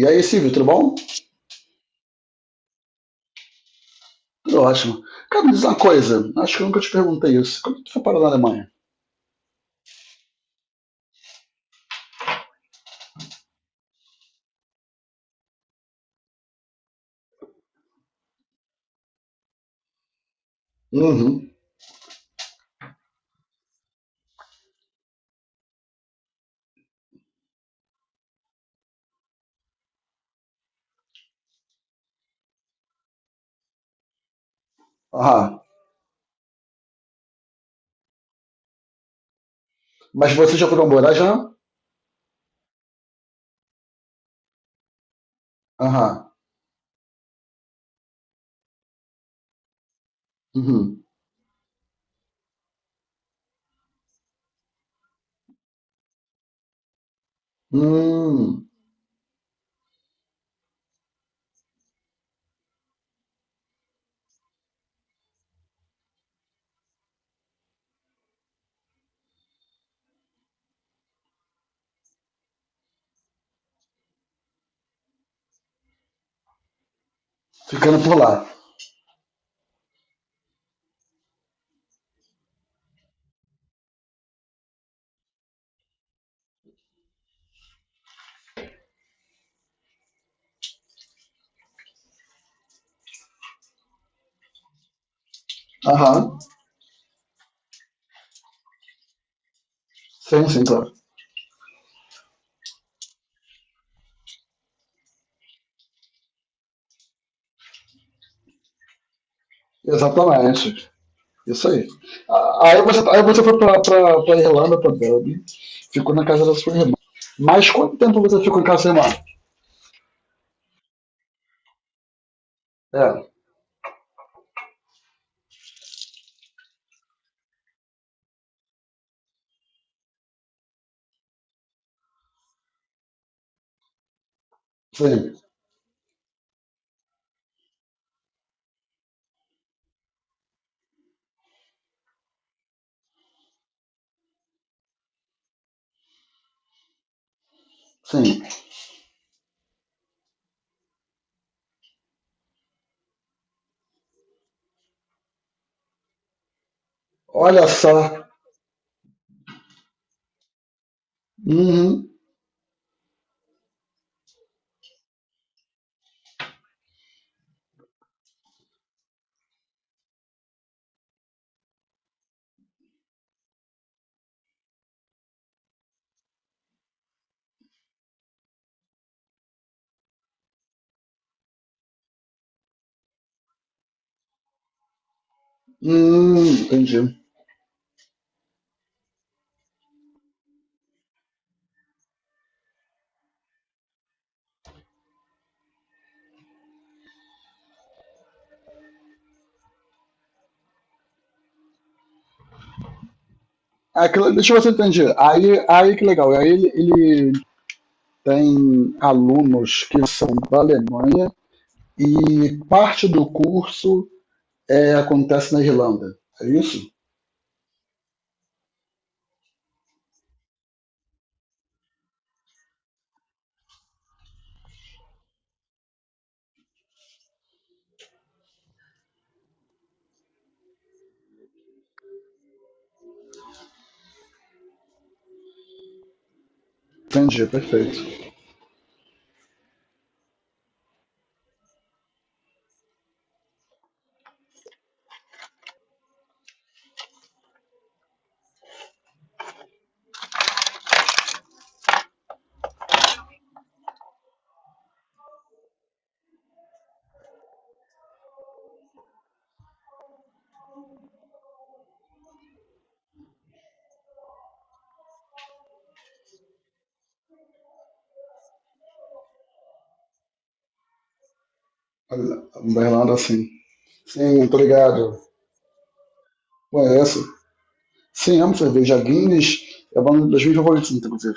E aí, Silvio, tudo bom? Tudo ótimo. Cara, me diz uma coisa, acho que eu nunca te perguntei isso. Quando tu foi parar na Alemanha? Uhum. Aham. Mas você já foi pra morar já? Aham. Uhum. Hum. Ficando por lá. Aham. Sim, sim, claro. Exatamente. Isso aí. Ah, Aí você, tá, aí você foi pra Irlanda, pra Dublin, ficou na casa da sua irmã. Mas quanto tempo você ficou em casa da sua irmã? É, sim, sim. Olha só. Uhum. Hum, entendi. Aquilo, deixa eu ver se eu entendi. Aí que legal. Aí ele tem alunos que são da Alemanha e parte do curso é, acontece na Irlanda. É isso? Entendi, perfeito. Da Irlanda, sim. Sim, tô ligado. Ué, é essa. Sim, amo cerveja. Guinness é uma das minhas favoritas, inclusive.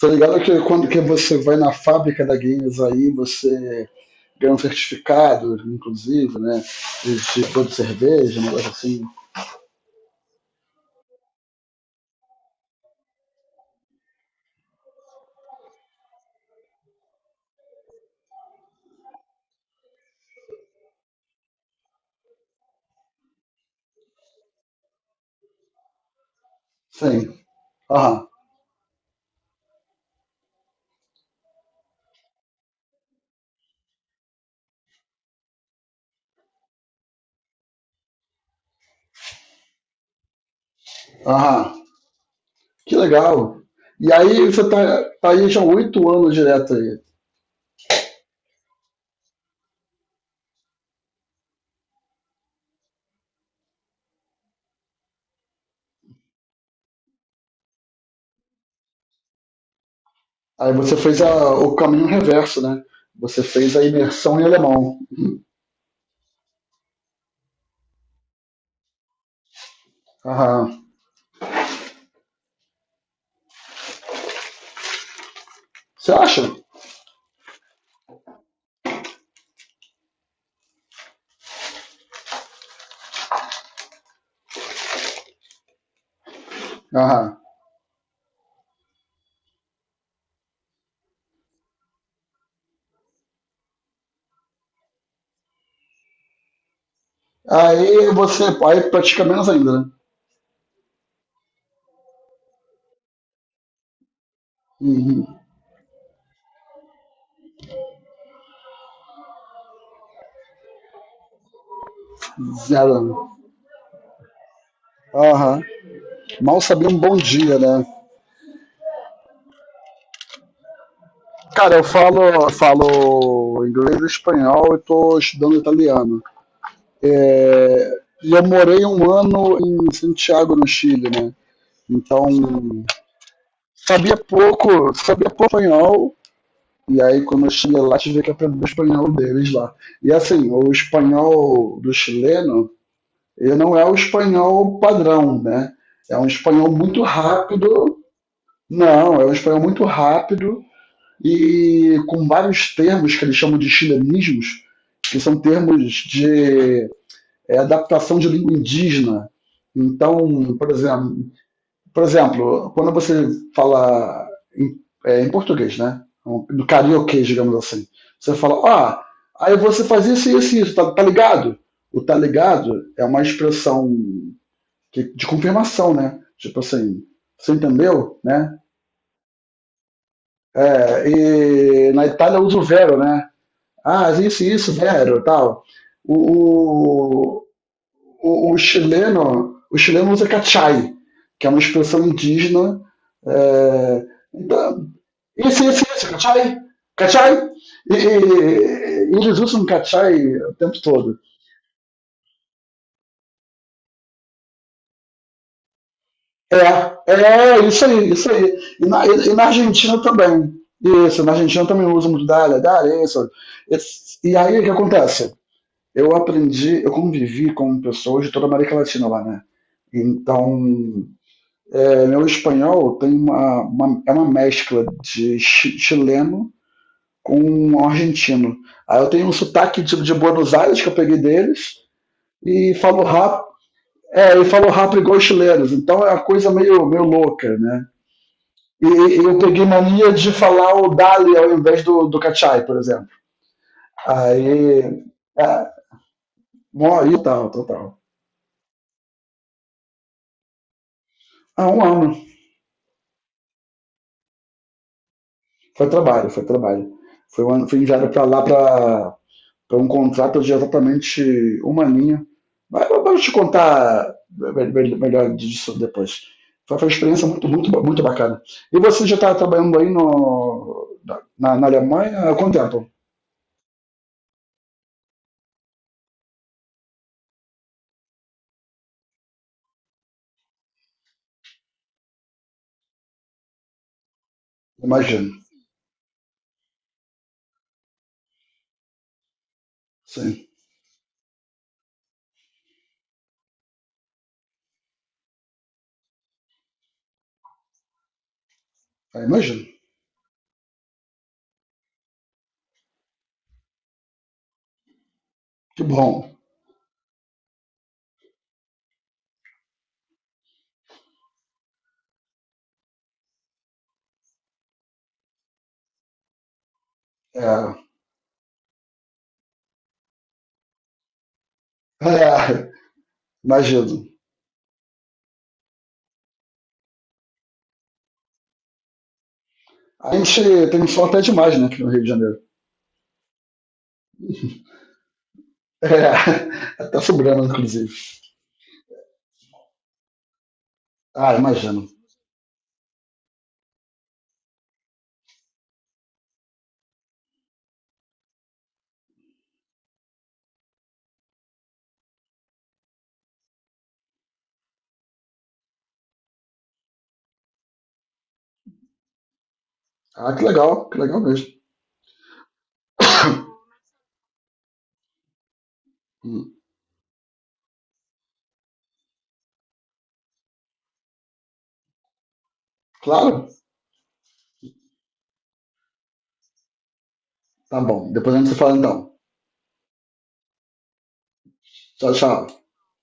Tô ligado que quando que você vai na fábrica da Guinness aí, você ganha um certificado, inclusive, né? De produto de cerveja, um negócio assim. Sim. Aham. Aham. Que legal. E aí você tá, tá aí já 8 anos direto aí. Aí você fez a- o caminho reverso, né? Você fez a imersão em alemão. Aham. Você acha? Aham. Aí você aí pratica menos ainda, né? Uhum. Zero. Aham. Mal sabia um bom dia, né? Cara, eu falo inglês e espanhol e tô estudando italiano. É, e eu morei 1 ano em Santiago, no Chile, né? Então, sabia pouco espanhol, e aí quando eu cheguei lá, tive que aprender o espanhol deles lá. E assim, o espanhol do chileno, ele não é o espanhol padrão, né? É um espanhol muito rápido, não, é um espanhol muito rápido e com vários termos que eles chamam de chilenismos, que são termos de adaptação de língua indígena. Então, por exemplo. Por exemplo, quando você fala em, em português, né? No carioquês, digamos assim. Você fala, ah, aí você faz isso, isso e isso, tá, tá ligado? O tá ligado é uma expressão de confirmação, né? Tipo assim, você entendeu, né? É, e na Itália usa o vero, né? Ah, isso, vero, tal. O, o, chileno, o chileno usa cachai, que é uma expressão indígena. É, então, Esse cachai. E, eles usam cachai o tempo todo. É, é isso aí, isso aí. E na, e na Argentina também. Isso, na Argentina também usam muito dália, dália, isso. E aí o que acontece? Eu aprendi, eu convivi com pessoas de toda a América Latina lá, né? Então, é, meu espanhol tem uma, é uma mescla de chileno com um argentino. Aí eu tenho um sotaque tipo de Buenos Aires que eu peguei deles e falo rápido. É, e falo rápido igual os chilenos, então é uma coisa meio, meio louca, né? E eu peguei mania de falar o Dali ao invés do, do Cachai, por exemplo. Aí. É, bom, e tal, total. Ah, 1 ano. Foi trabalho, foi trabalho. Foi 1 ano, fui enviado pra lá pra. Foi um contrato de exatamente uma linha. Mas vamos te contar é, melhor disso depois. Foi uma experiência muito, muito, muito bacana. E você já está trabalhando aí no, na, na Alemanha há quanto tempo? Imagino. Sim. Ah, imagino. Que bom. É, é, imagino. A gente tem sol até demais, né, aqui no Rio de Janeiro. É, até sobrando, inclusive. Ah, imagino. Ah, que legal mesmo. Hum. Claro. Tá bom. Depois a gente se fala então. Tchau, tchau.